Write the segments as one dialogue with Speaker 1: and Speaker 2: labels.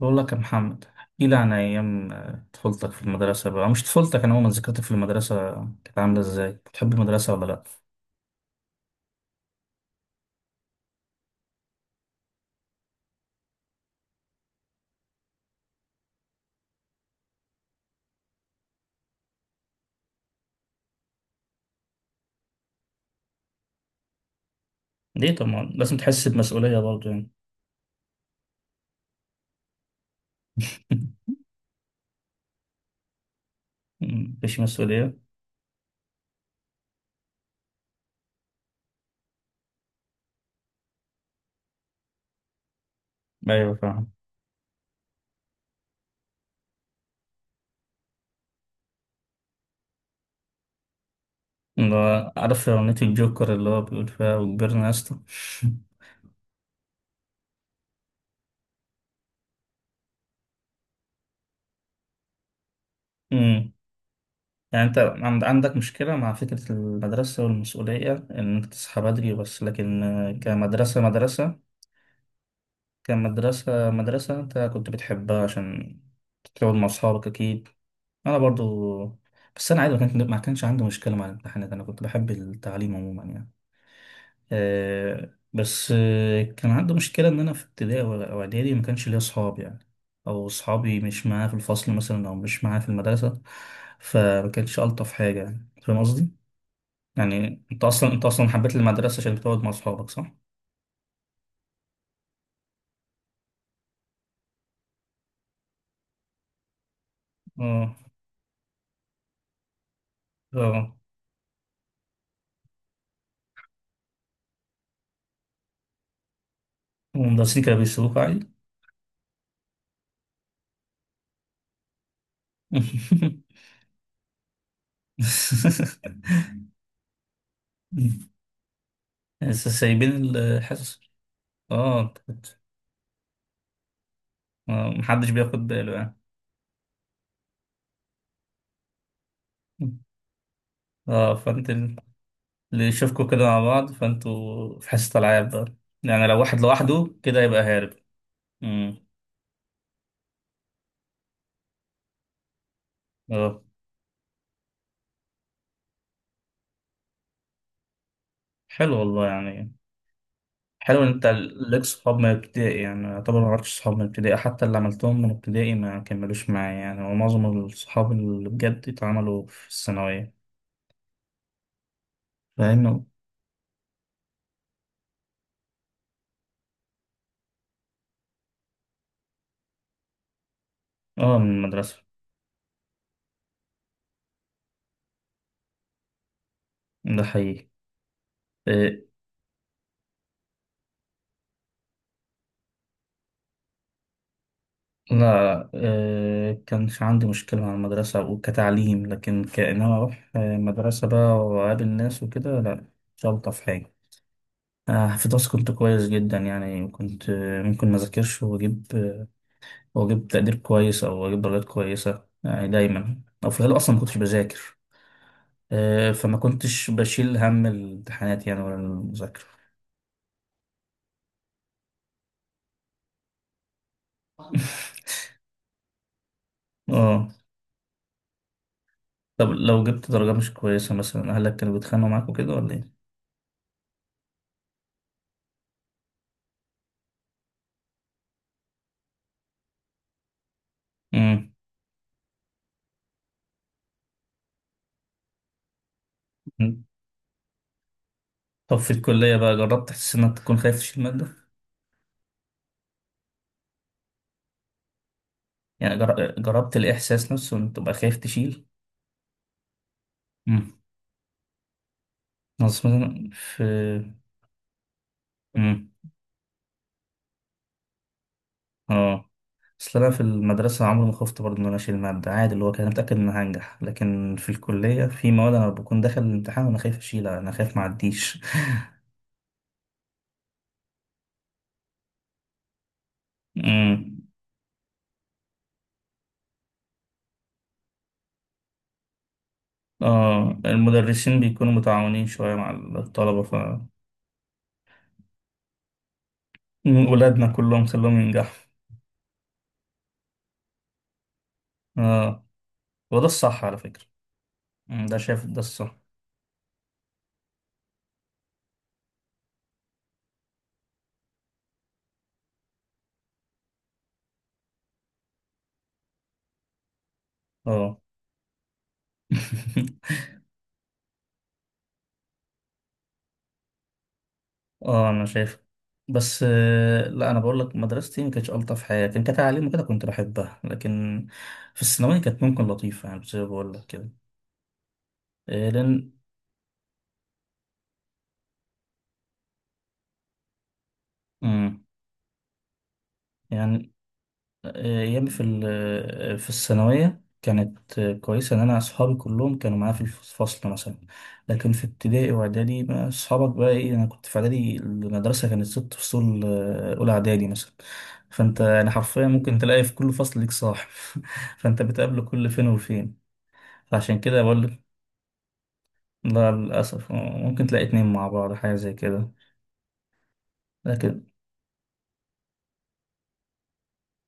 Speaker 1: بقول لك يا محمد، احكي لي عن ايام طفولتك في المدرسه بقى، أو مش طفولتك، انا عموما ذكرتك في المدرسه كانت عامله ازاي؟ بتحب المدرسه ولا لا؟ ليه؟ طبعا لازم تحس بمسؤوليه برضه يعني. مفيش مسؤوليه. ايوه فاهم. اللي هو عارف اغنيه الجوكر اللي هو بيقول فيها وكبرنا يا اسطى. أمم. يعني انت عندك مشكله مع فكره المدرسه والمسؤوليه ان انت تصحى بدري بس، لكن كمدرسه مدرسه، كمدرسه مدرسه انت كنت بتحبها عشان تقعد مع أصحابك، أكيد. انا برضو. بس انا عادي، ما كانش عندي مشكله مع الامتحانات، انا كنت بحب التعليم عموما يعني. بس كان عندي مشكله ان انا في ابتدائي او اعدادي ما كانش ليا اصحاب يعني، او اصحابي مش معايا في الفصل مثلا، او مش معايا في المدرسه، فما كانش الطف حاجه يعني، فاهم قصدي؟ يعني انت اصلا، حبيت المدرسه عشان بتقعد مع اصحابك، صح؟ اه اه. والمدرسين كانوا بيسيبوك عادي؟ بس سايبين الحصص. اه. محدش بياخد باله يعني. اه، اللي يشوفكوا كده مع بعض فانتوا في حصة العاب بقى، يعني لو واحد لوحده كده يبقى هارب. امم، اه. حلو والله يعني، حلو ان انت ليك صحاب من ابتدائي. يعني يعتبر ما عرفتش صحاب من ابتدائي، حتى اللي عملتهم من ابتدائي ما كملوش معايا يعني، ومعظم الصحاب اللي بجد اتعملوا في الثانوية، فاهم؟ اه، من المدرسة. ده حقيقي. آه، لا كانش عندي مشكلة مع المدرسة أو كتعليم، لكن كأنما أروح مدرسة بقى وأقابل ناس وكده، لا، مش ألطف حاجة. في دراسة كنت كويس جدا يعني، كنت ممكن ما أذاكرش وأجيب وأجيب تقدير كويس أو أجيب درجات كويسة يعني، دايما أو في الغالب أصلا ما كنتش بذاكر. فما كنتش بشيل هم الامتحانات يعني ولا المذاكرة. اه. طب لو جبت درجة مش كويسة مثلا، أهلك كانوا بيتخانقوا معاك وكده ولا إيه؟ مم. طب في الكلية بقى، جربت تحس إنك تكون خايف تشيل مادة؟ يعني جربت الإحساس نفسه إن تبقى خايف تشيل؟ امم. أصل مثلا في. امم. آه. أصل أنا في المدرسة عمري ما خفت برضه إن أنا أشيل مادة، عادي، اللي هو كان متأكد إن أنا هنجح، لكن في الكلية في مواد أنا بكون داخل الامتحان وأنا خايف أشيلها، أنا خايف معديش. امم. آه، المدرسين بيكونوا متعاونين شوية مع الطلبة، ف. ولادنا كلهم خلوهم ينجحوا. آه، وده الصح على فكرة. أمم، ده شايف ده الصح. اه اه، انا شايف. بس لا انا بقول لك، مدرستي ما كانتش الطف حاجه، كان كتعليم وكده كنت بحبها، لكن في الثانويه كانت ممكن لطيفه يعني، زي ما بقول لك كده. لان. مم. يعني أيام في الثانوية كانت كويسة، إن أنا أصحابي كلهم كانوا معايا في الفصل مثلا، لكن في ابتدائي وإعدادي ما أصحابك بقى إيه؟ أنا كنت في إعدادي المدرسة كانت ست فصول. أولى إعدادي مثلا، فأنت يعني حرفيا ممكن تلاقي في كل فصل ليك صاحب. فأنت بتقابله كل فين وفين، فعشان كده بقول لك. لا للأسف، ممكن تلاقي اتنين مع بعض حاجة زي كده. لكن.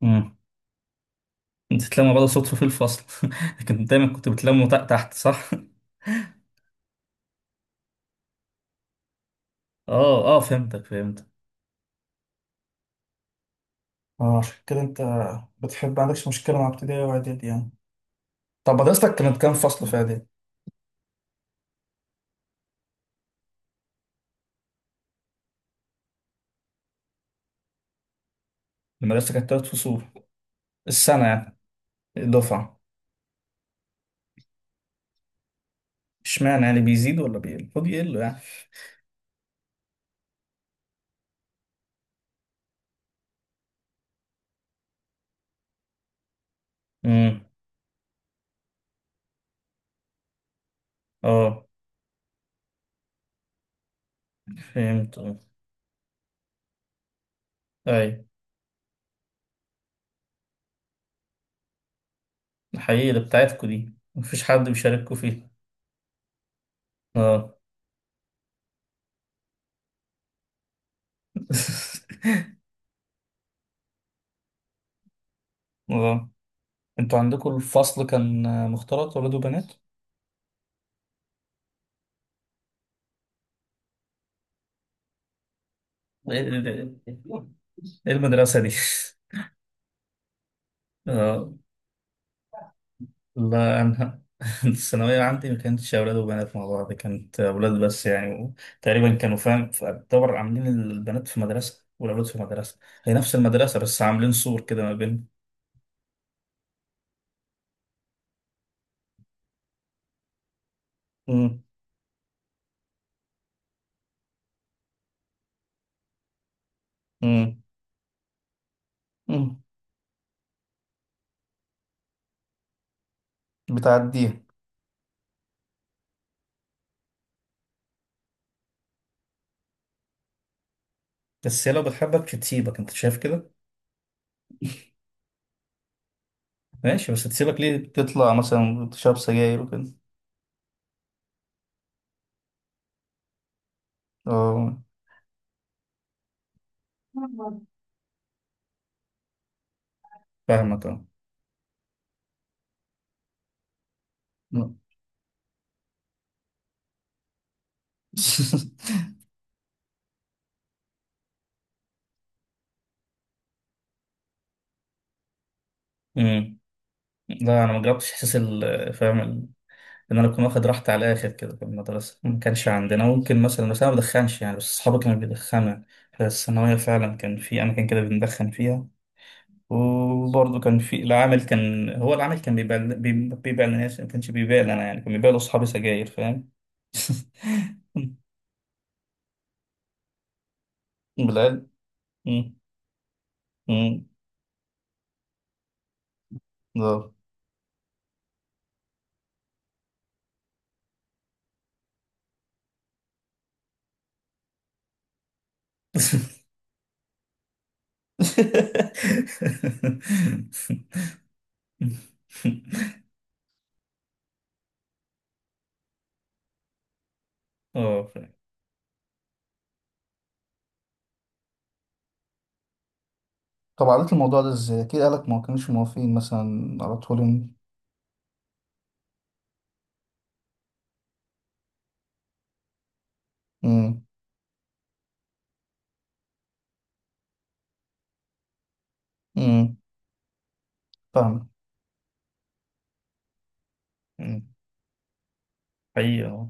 Speaker 1: مم. انت تتلموا بعض صدفة في الفصل. لكن دايما كنت بتلموا تحت تحت، صح؟ اه اه، فهمتك فهمتك. اه عشان كده انت بتحب، ما عندكش مشكلة مع ابتدائي واعدادي يعني. طب مدرستك كانت كام فصل في اعدادي؟ المدرسة كانت تلات فصول السنة يعني. الدفعة. اشمعنى يعني بيزيد ولا بيقل؟ المفروض يقل يعني. امم. اه، فهمت. اه. اي. الحقيقة اللي بتاعتكوا دي مفيش حد بيشارككوا فيها. اه. اه، انتوا عندكوا الفصل كان مختلط، ولاد وبنات؟ ايه إيه- إيه المدرسة دي؟ اه، لا انا. الثانوية عندي ما كانتش أولاد وبنات مع بعض، كانت أولاد بس يعني، تقريبا كانوا فاهم، يعتبر عاملين البنات في مدرسة والأولاد في مدرسة، هي نفس المدرسة بس عاملين سور كده ما بين. امم. امم. امم. بتعديها. بس هي لو بتحبك تسيبك، أنت شايف كده. ماشي، بس تسيبك ليه تطلع مثلا تشرب سجاير وكده؟ اه، فاهمك أه. مم. أمم. لا أنا ما جربتش إحساس فاهم، ان انا اكون واخد راحتي على الاخر كده في المدرسه، ما كانش عندنا، ممكن مثلا بس انا ما بدخنش يعني، بس اصحابي كانوا بيدخنوا يعني. بس الثانويه فعلا كان في اماكن كده بندخن فيها. وبرضه كان في العامل، كان هو العامل كان بيبيع بيبيع للناس، ما كانش بيبيع لنا يعني، كان بيبيع لاصحابي سجاير، فاهم. بالعلم. مم. مم. ده. اه، فاهم. طب عملت الموضوع ده ازاي؟ اكيد اهلك ما كانوش موافقين مثلا على طول. امم. امم. فاهمك. امم. حقيقي.